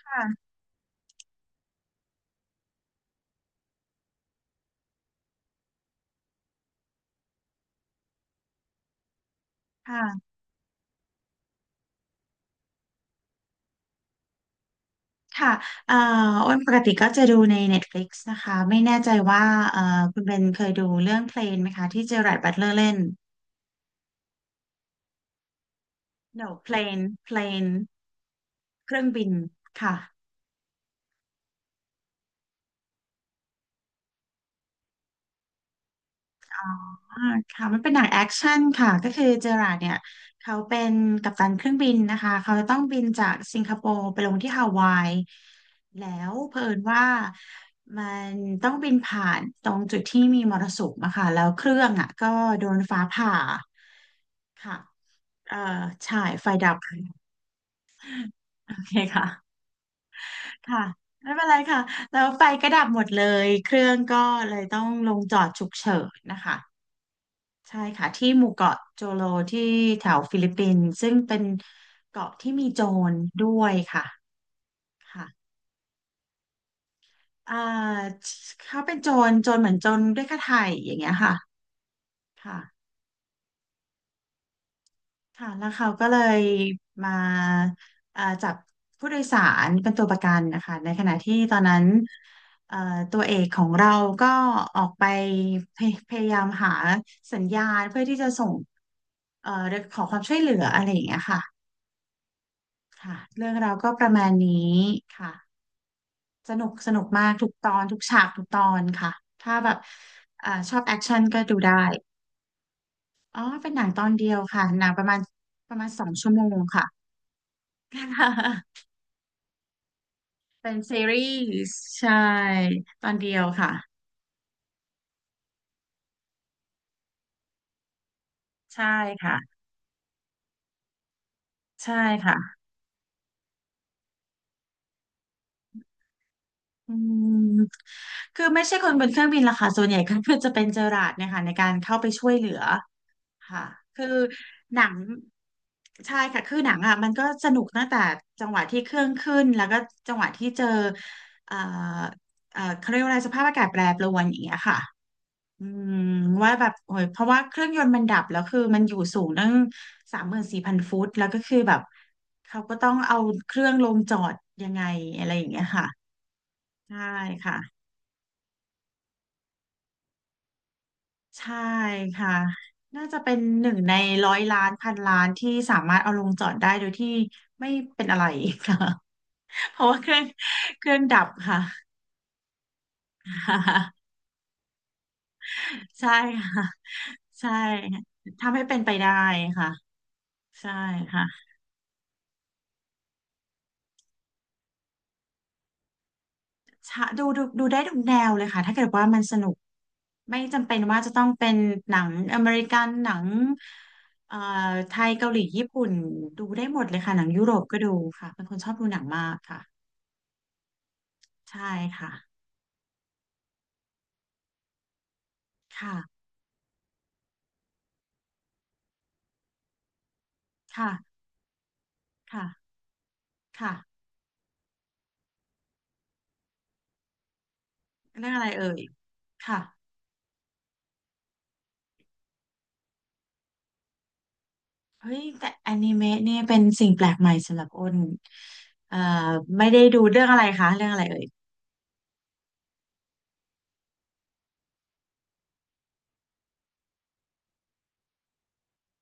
ค่ะค่ะค่ะเอ่ออ้นปกติก็จะดูใน Netflix นตฟลิกซ์นะคะ ไม่แน่ใจว่าเอ่อคุณเบนเคยดูเรื่องเพลนไหมคะที่เจอราร์ดบัตเลอร์เล่น No Plane Plane เครื่องบิน ค่ะ อ่าค่ะมันเป็นหนังแอคชั่นค่ะก็คือเจอราร์ดเนี่ยเขาเป็นกัปตันเครื่องบินนะคะเขาต้องบินจากสิงคโปร์ไปลงที่ฮาวายแล้วเผอิญว่ามันต้องบินผ่านตรงจุดที่มีมรสุมอะค่ะแล้วเครื่องอะก็โดนฟ้าผ่าค่ะเอ่อใช่ไฟดับโอเคค่ะค่ะไม่เป็นไรค่ะแล้วไฟก็ดับหมดเลยเครื่องก็เลยต้องลงจอดฉุกเฉินนะคะ ใช่ค่ะที่หมู่เกาะโจโลที่แถวฟิลิปปินส์ซึ่งเป็นเกาะที่มีโจรด้วยค่ะค่ะอ่าเขาเป็นโจรโจรเหมือนโจรด้วยค่าไถ่อย่างเงี้ยค่ะค่ะค่ะแล้วเขาก็เลยมาจับผู้โดยสารเป็นตัวประกันนะคะในขณะที่ตอนนั้นเอ่อตัวเอกของเราก็ออกไปพยายามหาสัญญาณเพื่อที่จะส่งเอ่อขอความช่วยเหลืออะไรอย่างเงี้ยค่ะ ค่ะเรื่องเราวก็ประมาณนี้ค่ะสนุกมากทุกตอนทุกฉากทุกตอนค่ะถ้าแบบชอบแอคชั่นก็ดูได้อ๋อเป็นหนังตอนเดียวค่ะหนังประมาณ2 ชั่วโมงค่ะ เป็นซีรีส์ใช่ตอนเดียวค่ะใช่ค่ะใช่ค่ะอืมคือไม่ใช่คนบนเครื่องบินล่ะค่ะส่วนใหญ่ก็ คือจะเป็นเจอราร์ดเนี่ยค่ะในการเข้าไปช่วยเหลือ ค่ะคือหนังใช่ค่ะคือหนังอ่ะมันก็สนุกตั้งแต่จังหวะที่เครื่องขึ้นแล้วก็จังหวะที่เจอเอ่อเขาเรียกว่าอะไรสภาพอากาศแปรปรวนอย่างเงี้ยค่ะอืมว่าแบบโอ้ยเพราะว่าเครื่องยนต์มันดับแล้วคือมันอยู่สูงตั้ง34,000 ฟุตแล้วก็คือแบบเขาก็ต้องเอาเครื่องลงจอดยังไงอะไรอย่างเงี้ยค่ะ ใช่ค่ะ ใช่ค่ะน่าจะเป็นหนึ่งในร้อยล้านพันล้านที่สามารถเอาลงจอดได้โดยที่ไม่เป็นอะไรค่ะ เพราะว่าเครื่องดับค่ะ ใช่ค่ะใช่ทำให้เป็นไปได้ค่ะใช่ค่ะชะดูได้ทุกแนวเลยค่ะถ้าเกิดว่ามันสนุกไม่จำเป็นว่าจะต้องเป็นหนังอเมริกันหนังเอ่อไทยเกาหลีญี่ปุ่นดูได้หมดเลยค่ะหนังยุโรปก็ดูค่ะเป็นคนชอบดูหนังมากค่ะ ใช่ค่ะค่ะ ค่ะค่ะค่ะเรื่องอะไรเอ่ยค่ะเฮ้ยแต่อนิเมะเนี่ยเป็นสิ่งแปลกใหม่สำหรับอ้นเอ่อไม่ได้ดูเรื่องอะไรคะเรื่องอะไรเอ่ย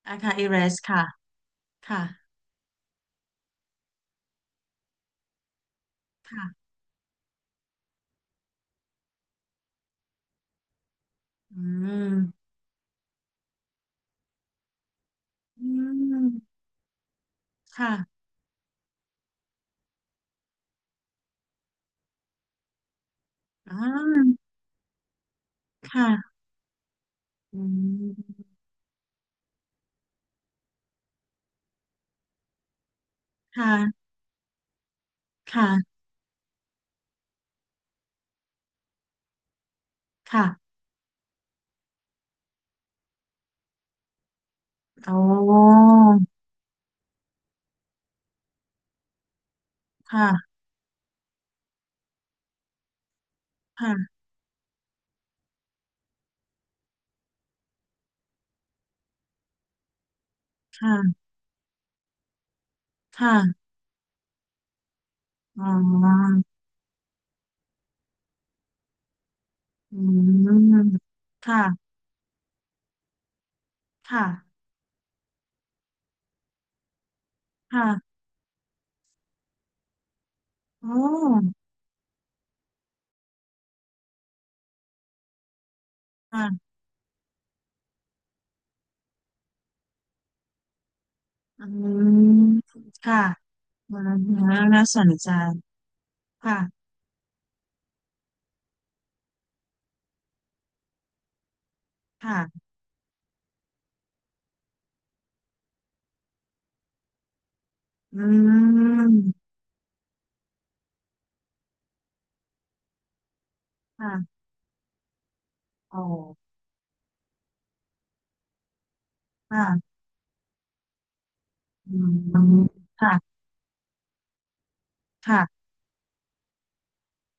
อาคาอิเรสค่ะค่ะค่ะอืมอืมค่ะอ่าค่ะอืมค่ะค่ะค่ะโอ้ค่ะค่ะค่ะค่ะอ๋ออืมค่ะค่ะค่ะ อ๋อค่ะอืมค่ะอ่าน่าสนใจค่ะค่ะอืมค่ะอ๋อค่ะอืมค่ะค่ะ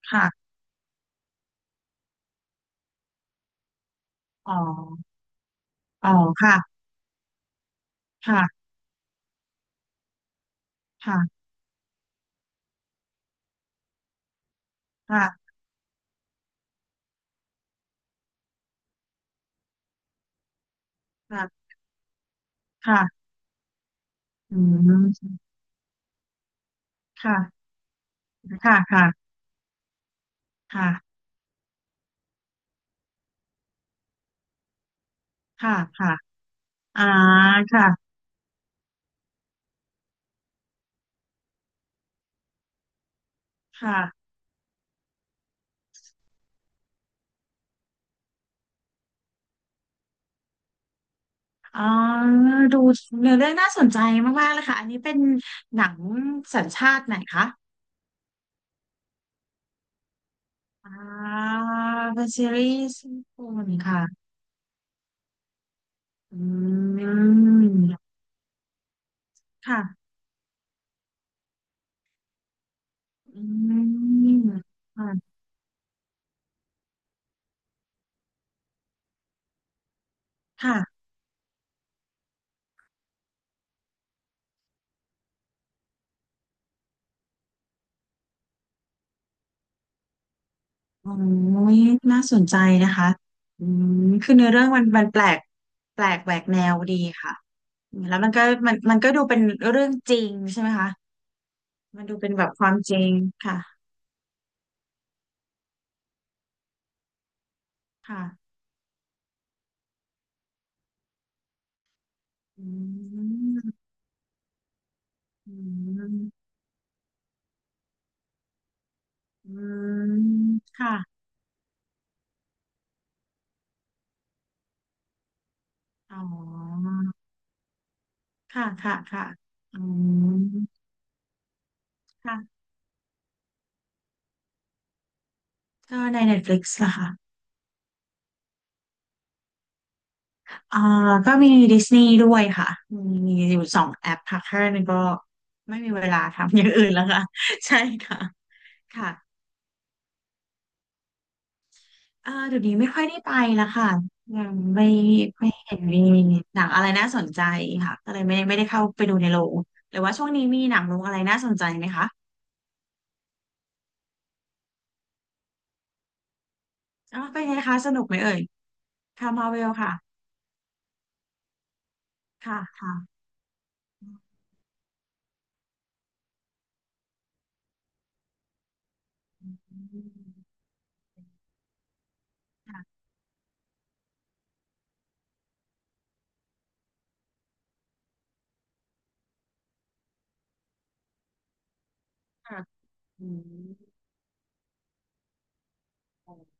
ค่ะอ๋ออ๋อค่ะค่ะค่ะค่ะค่ะค่ะอืมค่ะค่ะค่ะค่ะค่ะค่ะอ่าค่ะค่ะอ๋อดูเนื้อเรื่องน่าสนใจมากๆเลยค่ะอันนี้เป็นหนังสัญชาติ ไหนคะ อ่าเป็นซีรีส์ญี่ปุ่นค่ะอืมค่ะอืมค่ะค่ะโอ้ยน่าสนใจนะคะอืมคือเนื้อเรื่องมันแปลกแปลกแหวกแนวดีค่ะอืมแล้วมันก็มันก็ดูเป็นเรื่องจริงใช่ไหมคะมันดูเป็นแบบความจริงค่ะค่ะอืมอืมอืมค่ะอ๋อค่ะค่ะค่ะอืมค่ะ ก็ใน Netflix ล่ะค่ะ อ่าก็มี Disney ด้วยค่ะมีอยู่2 แอปค่ะแค่นั้นก็ไม่มีเวลาทำอย่างอื่นแล้วค่ะ ใช่ค่ะค่ะเดี๋ยวนี้ไม่ค่อยได้ไปแล้วค่ะยังไม่เห็นมีหนังอะไรน่าสนใจค่ะก็เลยไม่ได้เข้าไปดูในโรงหรือว่าช่วงนี้มีหนังโรงอะไรน่าสนใจไหมคะอ๋อเป็นไงคะสนุกไหมเอ่ยค่ะมาเวลค่ะค่ะค่ะอืมค่ะค่ะอืม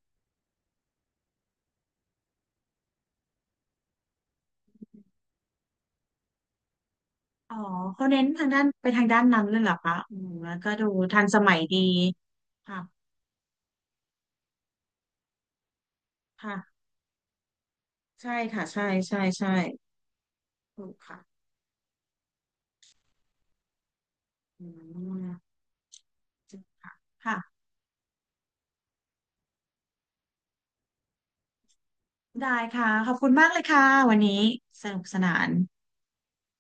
อ๋อเขาเน้นทางด้านไปทางด้านนั้นเลยเหรอคะอืมแล้วก็ดูทันสมัยดีค่ะค่ะใช่ค่ะใช่ใช่ใช่ถูกค่ะอืมค่ะค่ะได้ค่ะขอบคุณมากเลยค่ะวันนี้สนุกสนาน